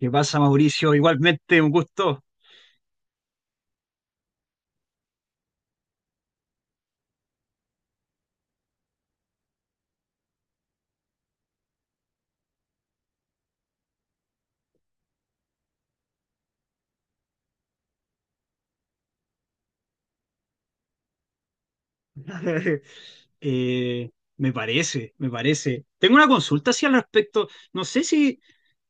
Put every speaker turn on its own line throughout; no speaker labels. ¿Qué pasa, Mauricio? Igualmente, un gusto. Eh, Me parece, me parece. Tengo una consulta así al respecto. No sé si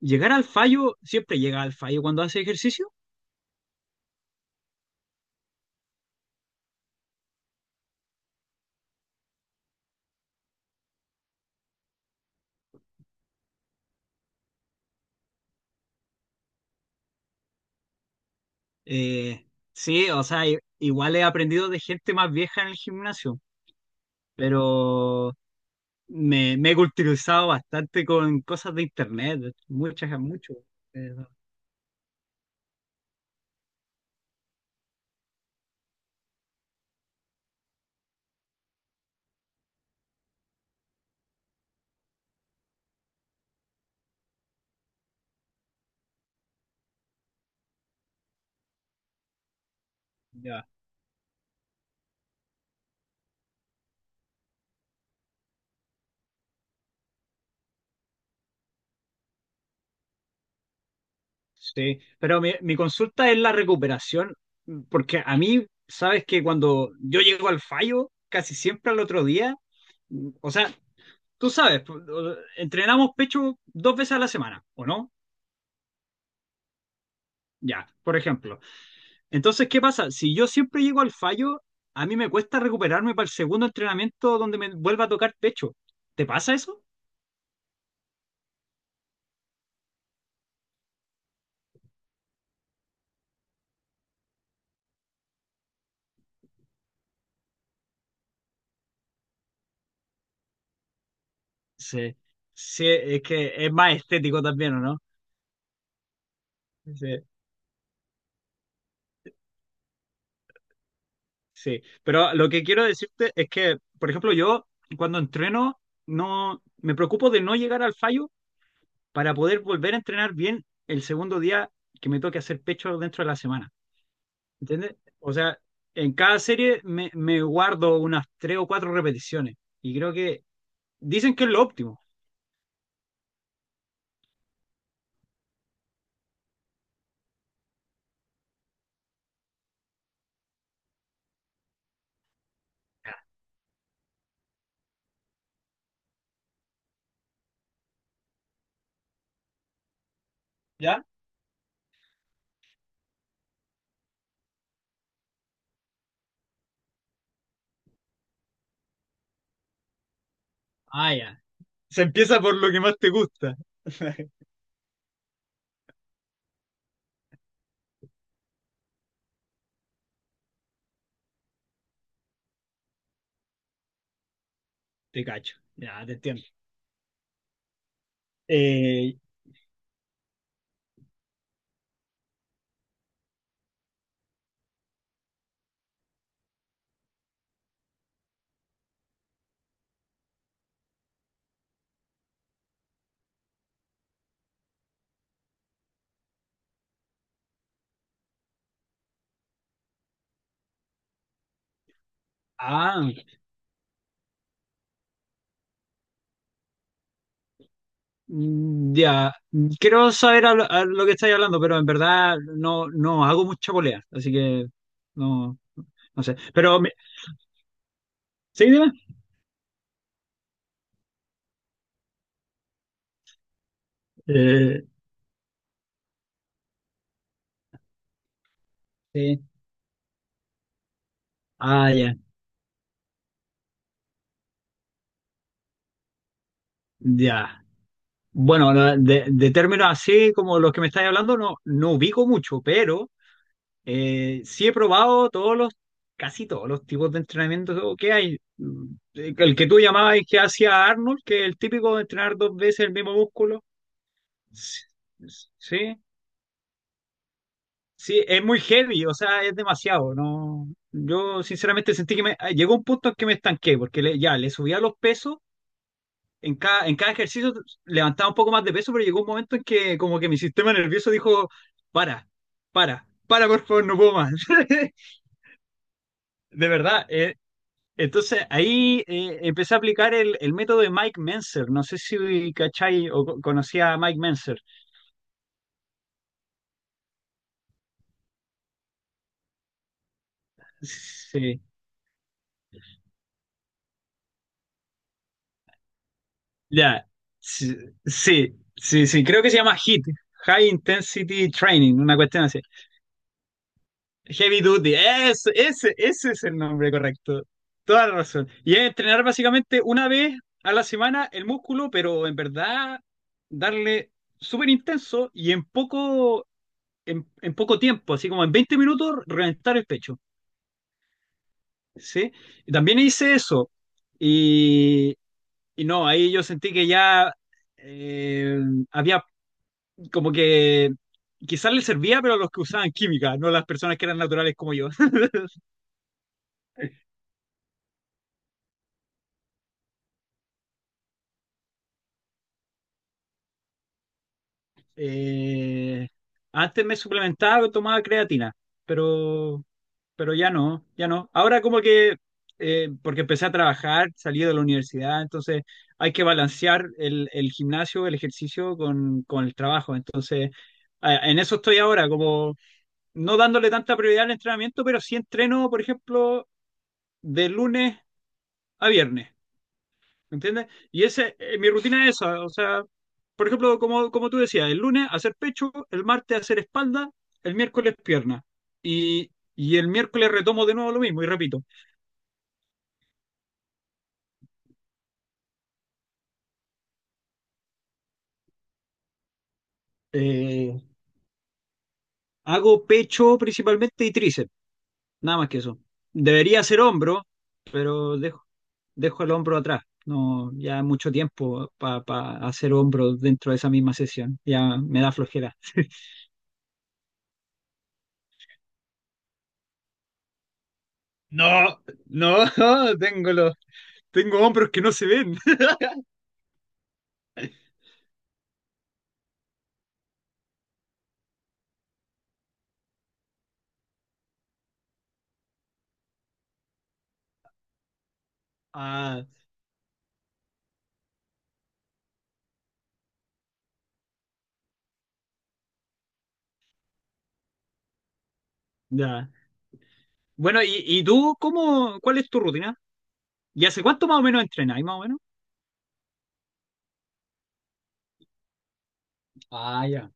llegar al fallo, siempre llega al fallo cuando hace ejercicio. Eh, sí, o sea, igual he aprendido de gente más vieja en el gimnasio, pero me he culturizado bastante con cosas de internet, muchas, mucho. Eh, Sí, pero mi consulta es la recuperación, porque a mí, sabes que cuando yo llego al fallo, casi siempre al otro día, o sea, tú sabes, entrenamos pecho dos veces a la semana, ¿o no? Ya, por ejemplo. Entonces, ¿qué pasa? Si yo siempre llego al fallo, a mí me cuesta recuperarme para el segundo entrenamiento donde me vuelva a tocar pecho. ¿Te pasa eso? Sí, sí, es que es más estético también, ¿o no? Sí, pero lo que quiero decirte es que, por ejemplo, yo cuando entreno no me preocupo de no llegar al fallo para poder volver a entrenar bien el segundo día que me toque hacer pecho dentro de la semana. ¿Entiendes? O sea, en cada serie me guardo unas tres o cuatro repeticiones y creo que dicen que es lo óptimo. ¿Ya? Ah, ya. Se empieza por lo que más te gusta. Te cacho. Ya, te entiendo. Eh, ah, Ya, quiero saber a lo que estáis hablando, pero en verdad no hago mucha polea, así que no, no sé. ¿Sí, dime? Eh, sí. Ah, ya, ya. Bueno, de términos así como los que me estáis hablando, no ubico mucho, pero sí he probado todos los, casi todos los tipos de entrenamiento que hay. El que tú llamabas y que hacía Arnold, que es el típico de entrenar dos veces el mismo músculo. Sí. Sí, es muy heavy, o sea, es demasiado, ¿no? Yo sinceramente sentí que llegó un punto en que me estanqué, porque ya le subía los pesos, en cada ejercicio levantaba un poco más de peso, pero llegó un momento en que como que mi sistema nervioso dijo, para, para, por favor, no puedo más. De verdad, entonces ahí empecé a aplicar el método de Mike Menzer, no sé si cachai o conocía a Mike Menzer. Sí. Ya, sí, sí, sí, sí, creo que se llama HIIT, High Intensity Training, una cuestión así. Heavy Duty, ese es el nombre correcto. Toda la razón. Y es entrenar básicamente una vez a la semana el músculo, pero en verdad darle súper intenso y en poco tiempo, así como en 20 minutos, reventar el pecho. ¿Sí? Y también hice eso. Y, y no, ahí yo sentí que ya eh, había como que quizás les servía, pero a los que usaban química, no a las personas que eran naturales como yo. Eh, Antes me suplementaba, tomaba creatina, pero, pero ya no, ya no. Ahora como que, porque empecé a trabajar, salí de la universidad, entonces hay que balancear el gimnasio, el ejercicio con el trabajo. Entonces, en eso estoy ahora, como no dándole tanta prioridad al entrenamiento, pero sí entreno, por ejemplo, de lunes a viernes. ¿Me entiendes? Y mi rutina es esa, o sea, por ejemplo, como tú decías, el lunes hacer pecho, el martes hacer espalda, el miércoles pierna. Y el miércoles retomo de nuevo lo mismo y repito. Eh, Hago pecho principalmente y tríceps, nada más que eso. Debería hacer hombro, pero dejo el hombro atrás. No, ya es mucho tiempo para hacer hombro dentro de esa misma sesión. Ya me da flojera. No, no, tengo los, tengo hombros que no se ven. Ah, ya. Bueno, ¿Y tú cuál es tu rutina? ¿Y hace cuánto más o menos entrenáis, más o menos? Ah, ya.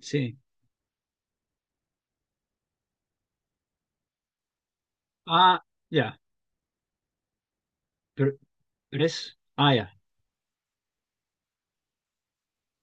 Sí. Ah, ya. Pero, pero es. Ah, ya,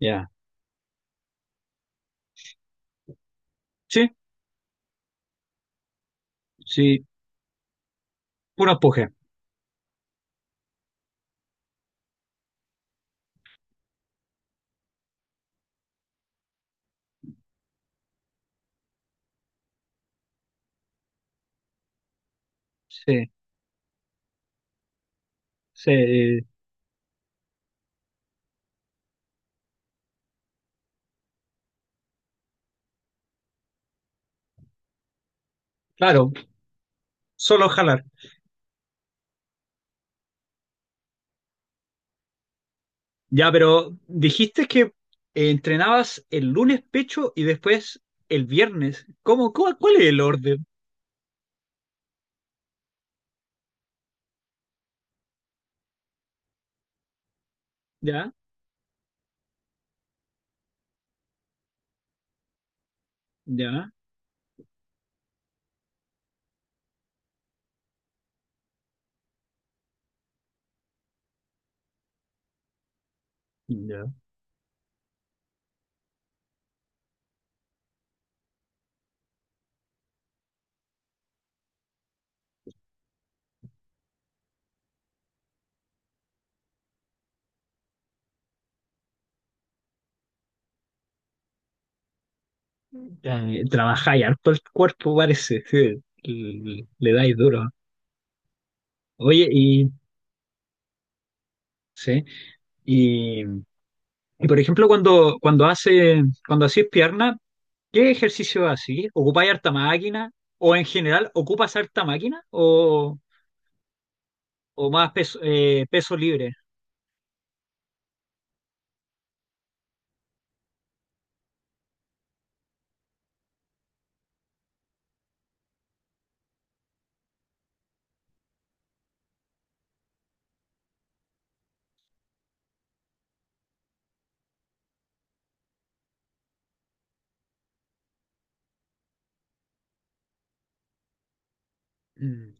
ya. Sí, sí. Puro empuje. Sí, sí. Claro, solo jalar. Ya, pero dijiste que entrenabas el lunes pecho y después el viernes. ¿Cuál es el orden? Ya, ya, ya. Trabajáis harto el cuerpo, parece. Sí, le dais duro. Oye, y sí, y, y por ejemplo, cuando hacís pierna, ¿qué ejercicio haces? ¿Ocupáis harta máquina? ¿O en general ocupas harta máquina? ¿O más peso, peso libre? Mm,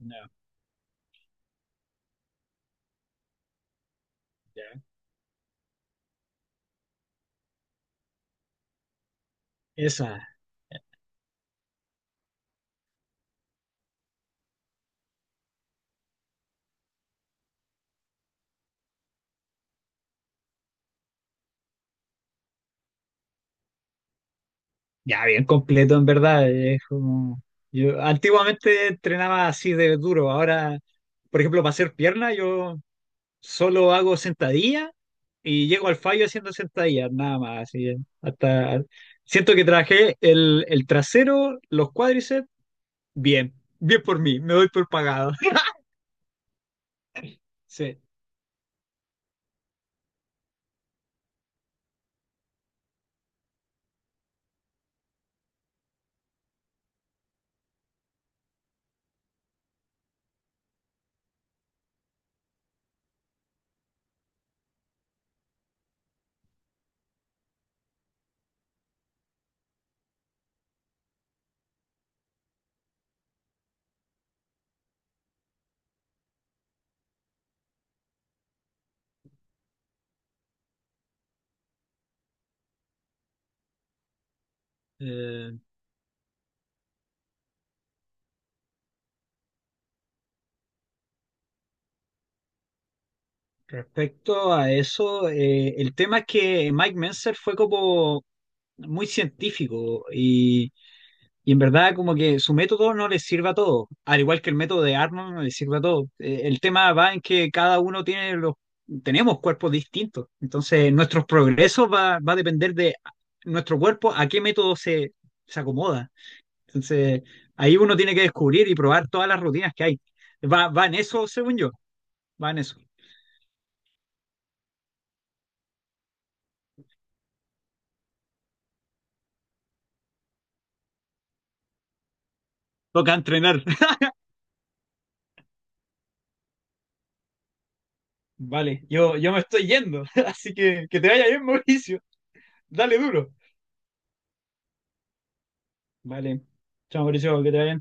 no, ya. Esa, ya bien completo en verdad. Es como. Yo antiguamente entrenaba así de duro. Ahora, por ejemplo, para hacer pierna, yo solo hago sentadilla y llego al fallo haciendo sentadillas, nada más. Así, hasta siento que trabajé el trasero, los cuádriceps, bien, bien por mí, me doy por pagado. Sí. eh, Respecto a eso, el tema es que Mike Menzer fue como muy científico. Y en verdad como que su método no les sirve a todos, al igual que el método de Arnold no les sirve a todos. El tema va en que cada uno tenemos cuerpos distintos, entonces nuestros progresos va a depender de nuestro cuerpo a qué método se acomoda. Entonces ahí uno tiene que descubrir y probar todas las rutinas que hay. Va en eso, según yo, va en eso. Toca entrenar. Vale, yo me estoy yendo, así que te vaya bien, Mauricio. Dale duro. Vale, chao, Mauricio, que te vaya bien.